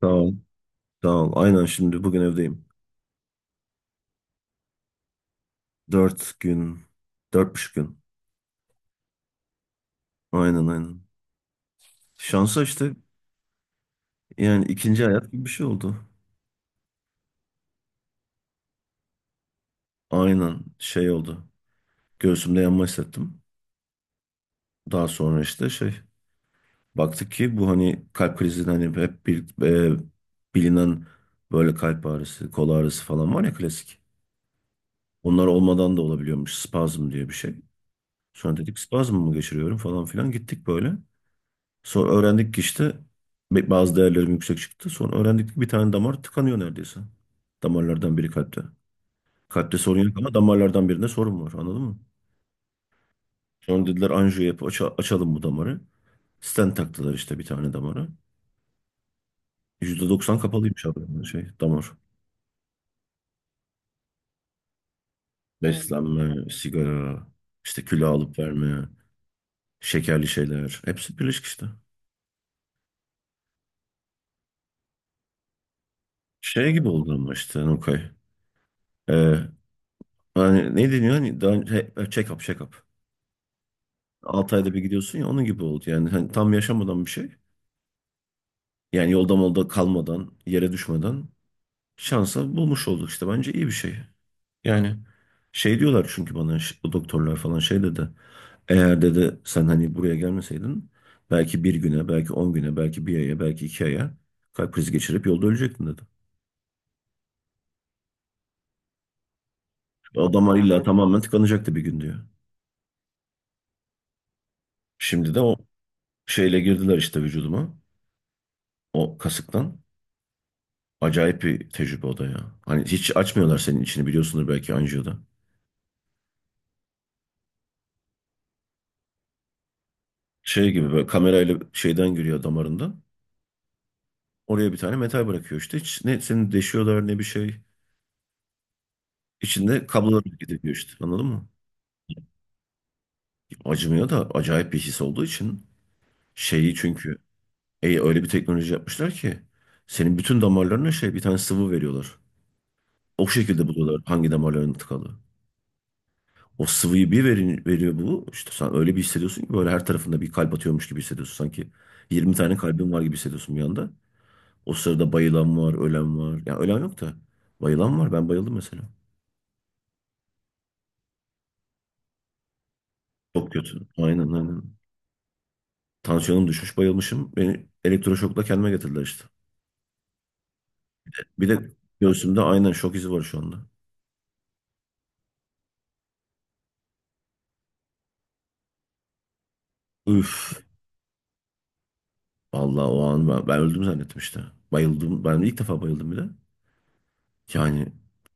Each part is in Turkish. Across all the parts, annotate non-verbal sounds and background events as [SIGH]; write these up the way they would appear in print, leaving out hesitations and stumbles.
Tamam. Tamam. Aynen, şimdi bugün evdeyim. Dört gün. Dört buçuk gün. Aynen aynen. Şansa işte, yani ikinci hayat gibi bir şey oldu. Aynen, şey oldu. Göğsümde yanma hissettim. Daha sonra işte şey, baktık ki bu hani kalp krizinin hani hep bir, e, bilinen böyle kalp ağrısı, kol ağrısı falan var ya, klasik. Onlar olmadan da olabiliyormuş, spazm diye bir şey. Sonra dedik spazm mı geçiriyorum falan filan, gittik böyle. Sonra öğrendik ki işte bazı değerlerim yüksek çıktı. Sonra öğrendik ki bir tane damar tıkanıyor neredeyse. Damarlardan biri kalpte. Kalpte sorun yok ama damarlardan birinde sorun var, anladın mı? Sonra dediler anjiyo yap, açalım bu damarı. Stent taktılar işte bir tane damara. Yüzde doksan kapalıymış abi, yani şey, damar. Hmm. Beslenme, sigara, işte kilo alıp verme, şekerli şeyler. Hepsi birleşik işte. Şey gibi oldu ama işte Nukay. Ee, hani ne deniyor? Hani daha, check up, check up. 6 ayda bir gidiyorsun ya, onun gibi oldu. Yani hani tam yaşamadan bir şey. Yani yolda molda kalmadan, yere düşmeden şansa bulmuş olduk işte. Bence iyi bir şey. Yani şey diyorlar çünkü bana, o doktorlar falan şey dedi. Eğer dedi sen hani buraya gelmeseydin belki bir güne, belki 10 güne, belki bir aya, belki iki aya kalp krizi geçirip yolda ölecektin dedi. Adamlar illa tamamen tıkanacaktı bir gün diyor. Şimdi de o şeyle girdiler işte vücuduma. O kasıktan. Acayip bir tecrübe o da ya. Hani hiç açmıyorlar senin içini, biliyorsundur belki anjiyoda. Şey gibi, böyle kamerayla şeyden giriyor damarında. Oraya bir tane metal bırakıyor işte. Hiç ne seni deşiyorlar ne bir şey. İçinde kablolar gidiyor işte, anladın mı? Acımıyor da acayip bir his olduğu için şeyi, çünkü öyle bir teknoloji yapmışlar ki senin bütün damarlarına şey, bir tane sıvı veriyorlar. O şekilde buluyorlar hangi damarların tıkalı. O sıvıyı bir verin, veriyor bu. İşte sen öyle bir hissediyorsun ki, böyle her tarafında bir kalp atıyormuş gibi hissediyorsun. Sanki 20 tane kalbin var gibi hissediyorsun bir anda. O sırada bayılan var, ölen var. Ya ölen yok da bayılan var. Ben bayıldım mesela. Çok kötü. Aynen aynen. Tansiyonum düşmüş, bayılmışım. Beni elektroşokla kendime getirdiler işte. Bir de göğsümde aynen şok izi var şu anda. Üf. Vallahi o an ben öldüm zannettim işte. Bayıldım. Ben ilk defa bayıldım bir de. Yani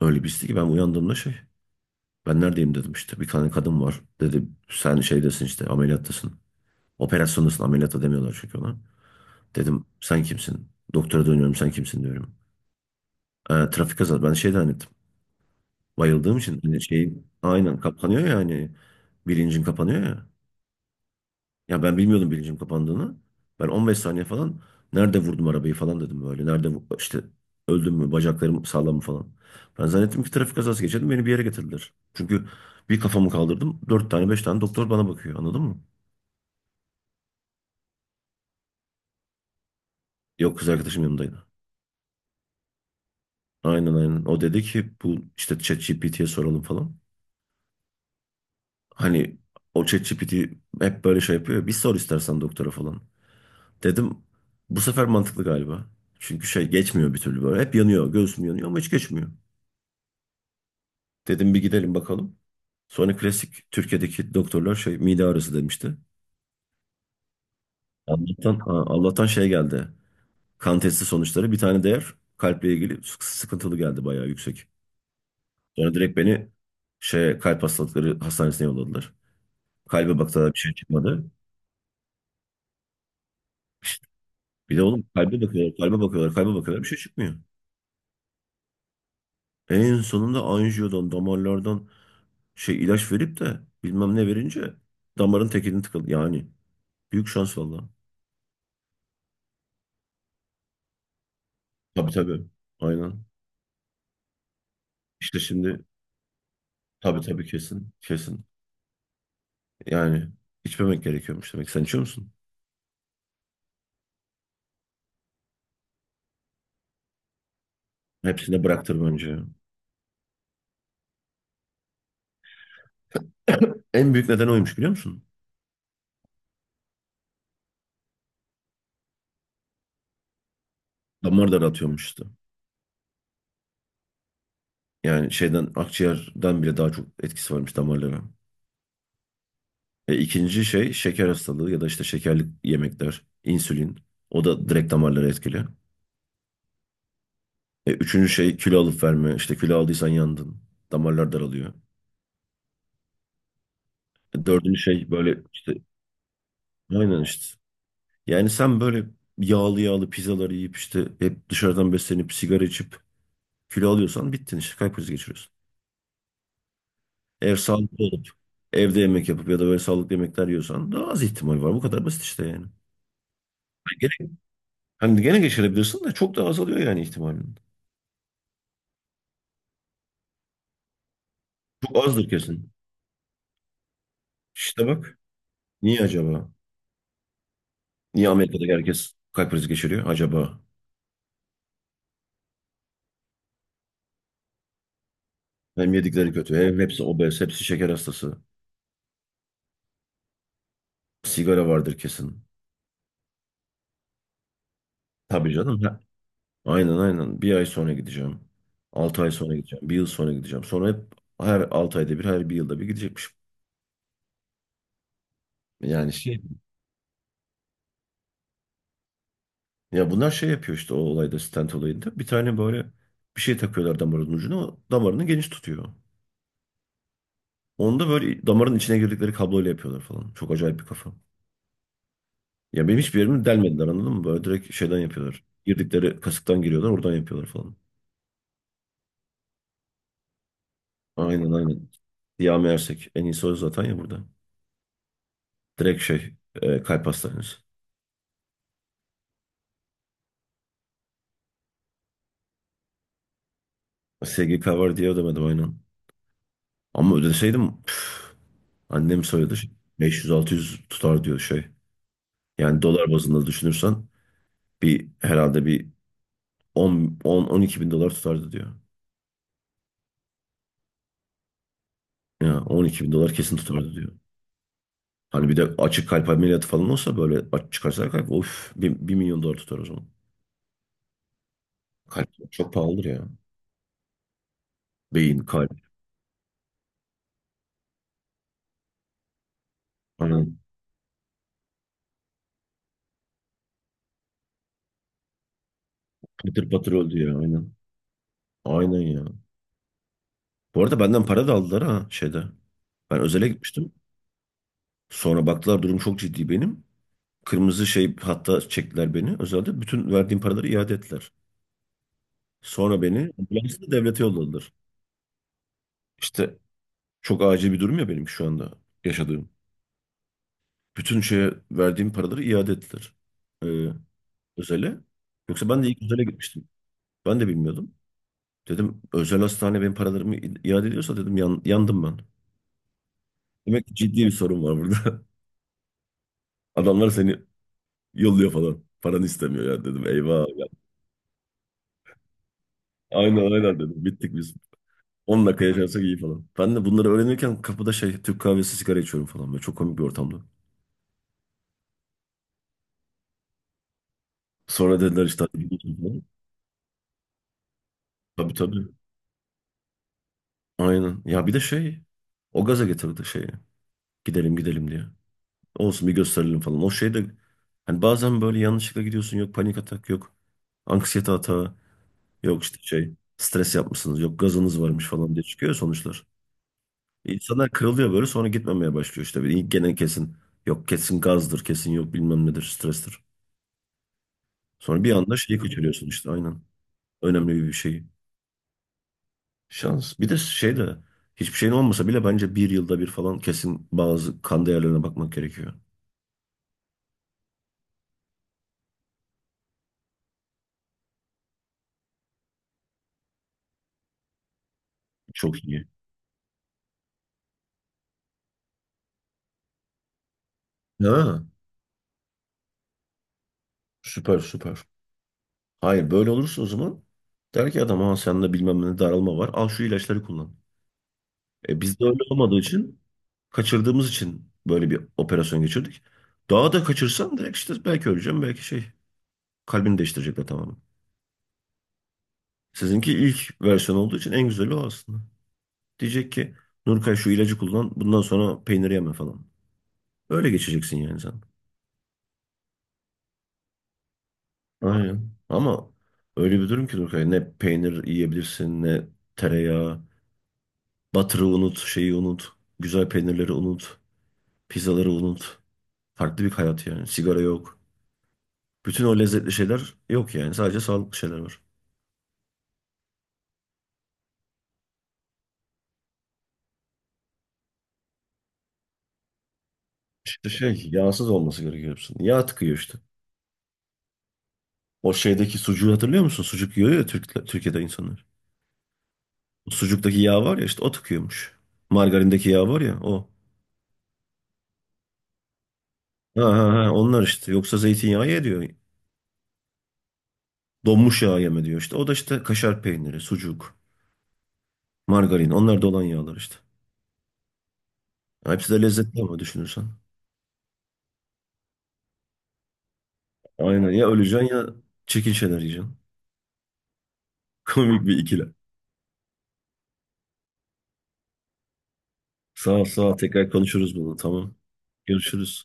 öyle bir histi ki ben uyandığımda şey. Ben neredeyim dedim işte. Bir tane kadın var. Dedi sen şeydesin işte, ameliyattasın. Operasyondasın, ameliyatta demiyorlar çünkü ona. Dedim sen kimsin? Doktora dönüyorum, sen kimsin diyorum. Trafik kazası. Ben şey zannettim. Bayıldığım için hani şey, aynen kapanıyor ya hani, bilincin kapanıyor ya. Ya ben bilmiyordum bilincim kapandığını. Ben 15 saniye falan nerede vurdum arabayı falan dedim böyle. İşte öldüm mü, bacaklarım sağlam mı falan. Ben zannettim ki trafik kazası geçirdim, beni bir yere getirdiler. Çünkü bir kafamı kaldırdım, dört tane beş tane doktor bana bakıyor, anladın mı? Yok, kız arkadaşım yanındaydı. Aynen aynen, o dedi ki bu işte ChatGPT'ye soralım falan. Hani o ChatGPT hep böyle şey yapıyor ya, bir sor istersen doktora falan. Dedim bu sefer mantıklı galiba. Çünkü şey geçmiyor bir türlü böyle. Hep yanıyor. Göğsüm yanıyor ama hiç geçmiyor. Dedim bir gidelim bakalım. Sonra klasik Türkiye'deki doktorlar şey mide ağrısı demişti. Allah'tan, ha, Allah'tan şey geldi. Kan testi sonuçları bir tane değer kalple ilgili sıkıntılı geldi, bayağı yüksek. Sonra direkt beni şey kalp hastalıkları hastanesine yolladılar. Kalbe baktılar, bir şey çıkmadı. İşte bir de oğlum kalbe bakıyorlar, kalbe bakıyorlar, kalbe bakıyorlar, bir şey çıkmıyor. En sonunda anjiyodan, damarlardan şey ilaç verip de bilmem ne verince damarın tekini tıkadı. Yani büyük şans valla. Tabii tabii. Aynen. İşte şimdi tabii tabii, kesin kesin. Yani içmemek gerekiyormuş demek. Sen içiyor musun? Hepsini bıraktır bence. [CLEARS THROAT] En büyük neden oymuş, biliyor musun? Damar daraltıyormuş işte. Yani şeyden, akciğerden bile daha çok etkisi varmış damarlara. İkinci şey şeker hastalığı ya da işte şekerli yemekler, insülin. O da direkt damarları etkili. Üçüncü şey kilo alıp verme. İşte kilo aldıysan yandın. Damarlar daralıyor. Dördüncü şey böyle işte, aynen işte. Yani sen böyle yağlı yağlı pizzalar yiyip işte hep dışarıdan beslenip sigara içip kilo alıyorsan bittin işte, kalp krizi geçiriyorsun. Eğer sağlıklı olup evde yemek yapıp ya da böyle sağlıklı yemekler yiyorsan daha az ihtimal var. Bu kadar basit işte yani. Hani gene, hani gene geçirebilirsin de çok daha azalıyor yani ihtimalin. Çok azdır kesin. İşte bak, niye acaba? Niye Amerika'da herkes kalp krizi geçiriyor acaba? Hem yedikleri kötü, hem hepsi obez, hepsi şeker hastası. Sigara vardır kesin. Tabii canım. Aynen aynen. Bir ay sonra gideceğim. Altı ay sonra gideceğim. Bir yıl sonra gideceğim. Sonra hep her altı ayda bir, her bir yılda bir gidecekmişim. Yani şey, ya bunlar şey yapıyor işte o olayda, stent olayında. Bir tane böyle bir şey takıyorlar damarın ucuna. O damarını geniş tutuyor. Onda böyle damarın içine girdikleri kabloyla yapıyorlar falan. Çok acayip bir kafa. Ya benim hiçbir yerimi delmediler, anladın mı? Böyle direkt şeyden yapıyorlar. Girdikleri kasıktan giriyorlar, oradan yapıyorlar falan. Aynen aynen. Siyah Ersek. En iyisi o zaten ya burada. Direkt şey, kalp hastanesi. SG cover diye ödemedim, aynen. Ama ödeseydim püf, annem söyledi. 500-600 tutar diyor şey. Yani dolar bazında düşünürsen bir, herhalde bir 10, 10 12 bin dolar tutardı diyor. Ya 12 bin dolar kesin tutardı diyor. Hani bir de açık kalp ameliyatı falan olsa, böyle aç çıkarsa kalp, of, bir milyon dolar tutar o zaman. Kalp çok pahalıdır ya. Beyin, kalp. Aynen. Patır patır öldü ya, aynen. Aynen ya. Bu arada benden para da aldılar ha, şeyde. Ben özele gitmiştim. Sonra baktılar durum çok ciddi benim. Kırmızı şey hatta çektiler beni özelde. Bütün verdiğim paraları iade ettiler. Sonra beni ambulansla devlete yolladılar. İşte çok acil bir durum ya benim şu anda yaşadığım. Bütün şeye verdiğim paraları iade ettiler. Ee, özele. Yoksa ben de ilk özele gitmiştim. Ben de bilmiyordum. Dedim özel hastane benim paralarımı iade ediyorsa dedim, yandım ben. Demek ki ciddi bir sorun var burada. [LAUGHS] Adamlar seni yolluyor falan. Paranı istemiyor ya dedim. Eyvah. Ya. Aynen aynen dedim. Bittik biz. 10 dakika yaşarsak iyi falan. Ben de bunları öğrenirken kapıda şey Türk kahvesi, sigara içiyorum falan. Böyle çok komik bir ortamda. Sonra dediler işte hadi gidelim falan. Tabii tabii. Aynen. Ya bir de şey, o gaza getirdi şeyi. Gidelim gidelim diye. Olsun bir gösterelim falan. O şey de hani bazen böyle yanlışlıkla gidiyorsun. Yok panik atak yok. Anksiyete atağı yok işte şey stres yapmışsınız yok gazınız varmış falan diye çıkıyor sonuçlar. İnsanlar kırılıyor böyle, sonra gitmemeye başlıyor işte. Gene kesin yok, kesin gazdır, kesin yok bilmem nedir, strestir. Sonra bir anda şeyi kaçırıyorsun işte, aynen. Önemli bir şey. Şans. Bir de şey de hiçbir şeyin olmasa bile bence bir yılda bir falan kesin bazı kan değerlerine bakmak gerekiyor. Çok iyi. Ha, süper süper. Hayır böyle olursa o zaman der ki adam ha sende bilmem ne daralma var al şu ilaçları kullan. Bizde öyle olmadığı için kaçırdığımız için böyle bir operasyon geçirdik. Daha da kaçırsam direkt işte belki öleceğim belki şey kalbini değiştirecekler tamamen. Sizinki ilk versiyon olduğu için en güzeli o aslında. Diyecek ki Nurkay şu ilacı kullan bundan sonra, peynir yeme falan. Öyle geçeceksin yani sen. Aynen. Ama öyle bir durum ki Nurkay ne peynir yiyebilirsin ne tereyağı. Butter'ı unut, şeyi unut. Güzel peynirleri unut. Pizzaları unut. Farklı bir hayat yani. Sigara yok. Bütün o lezzetli şeyler yok yani. Sadece sağlıklı şeyler var. İşte şey yağsız olması gerekiyor hepsinin. Yağ tıkıyor işte. O şeydeki sucuğu hatırlıyor musun? Sucuk yiyor ya Türk, Türkiye'de insanlar. Sucuktaki yağ var ya işte o tıkıyormuş. Margarindeki yağ var ya o. Ha ha ha onlar işte. Yoksa zeytinyağı ye diyor. Donmuş yağ yeme diyor işte. O da işte kaşar peyniri, sucuk, margarin. Onlar da olan yağlar işte. Ya hepsi de lezzetli ama düşünürsen. Aynen ya, öleceksin ya çirkin şeyler yiyeceksin. [LAUGHS] Komik bir ikilem. Sağ ol sağ ol. Tekrar konuşuruz bunu, tamam. Görüşürüz.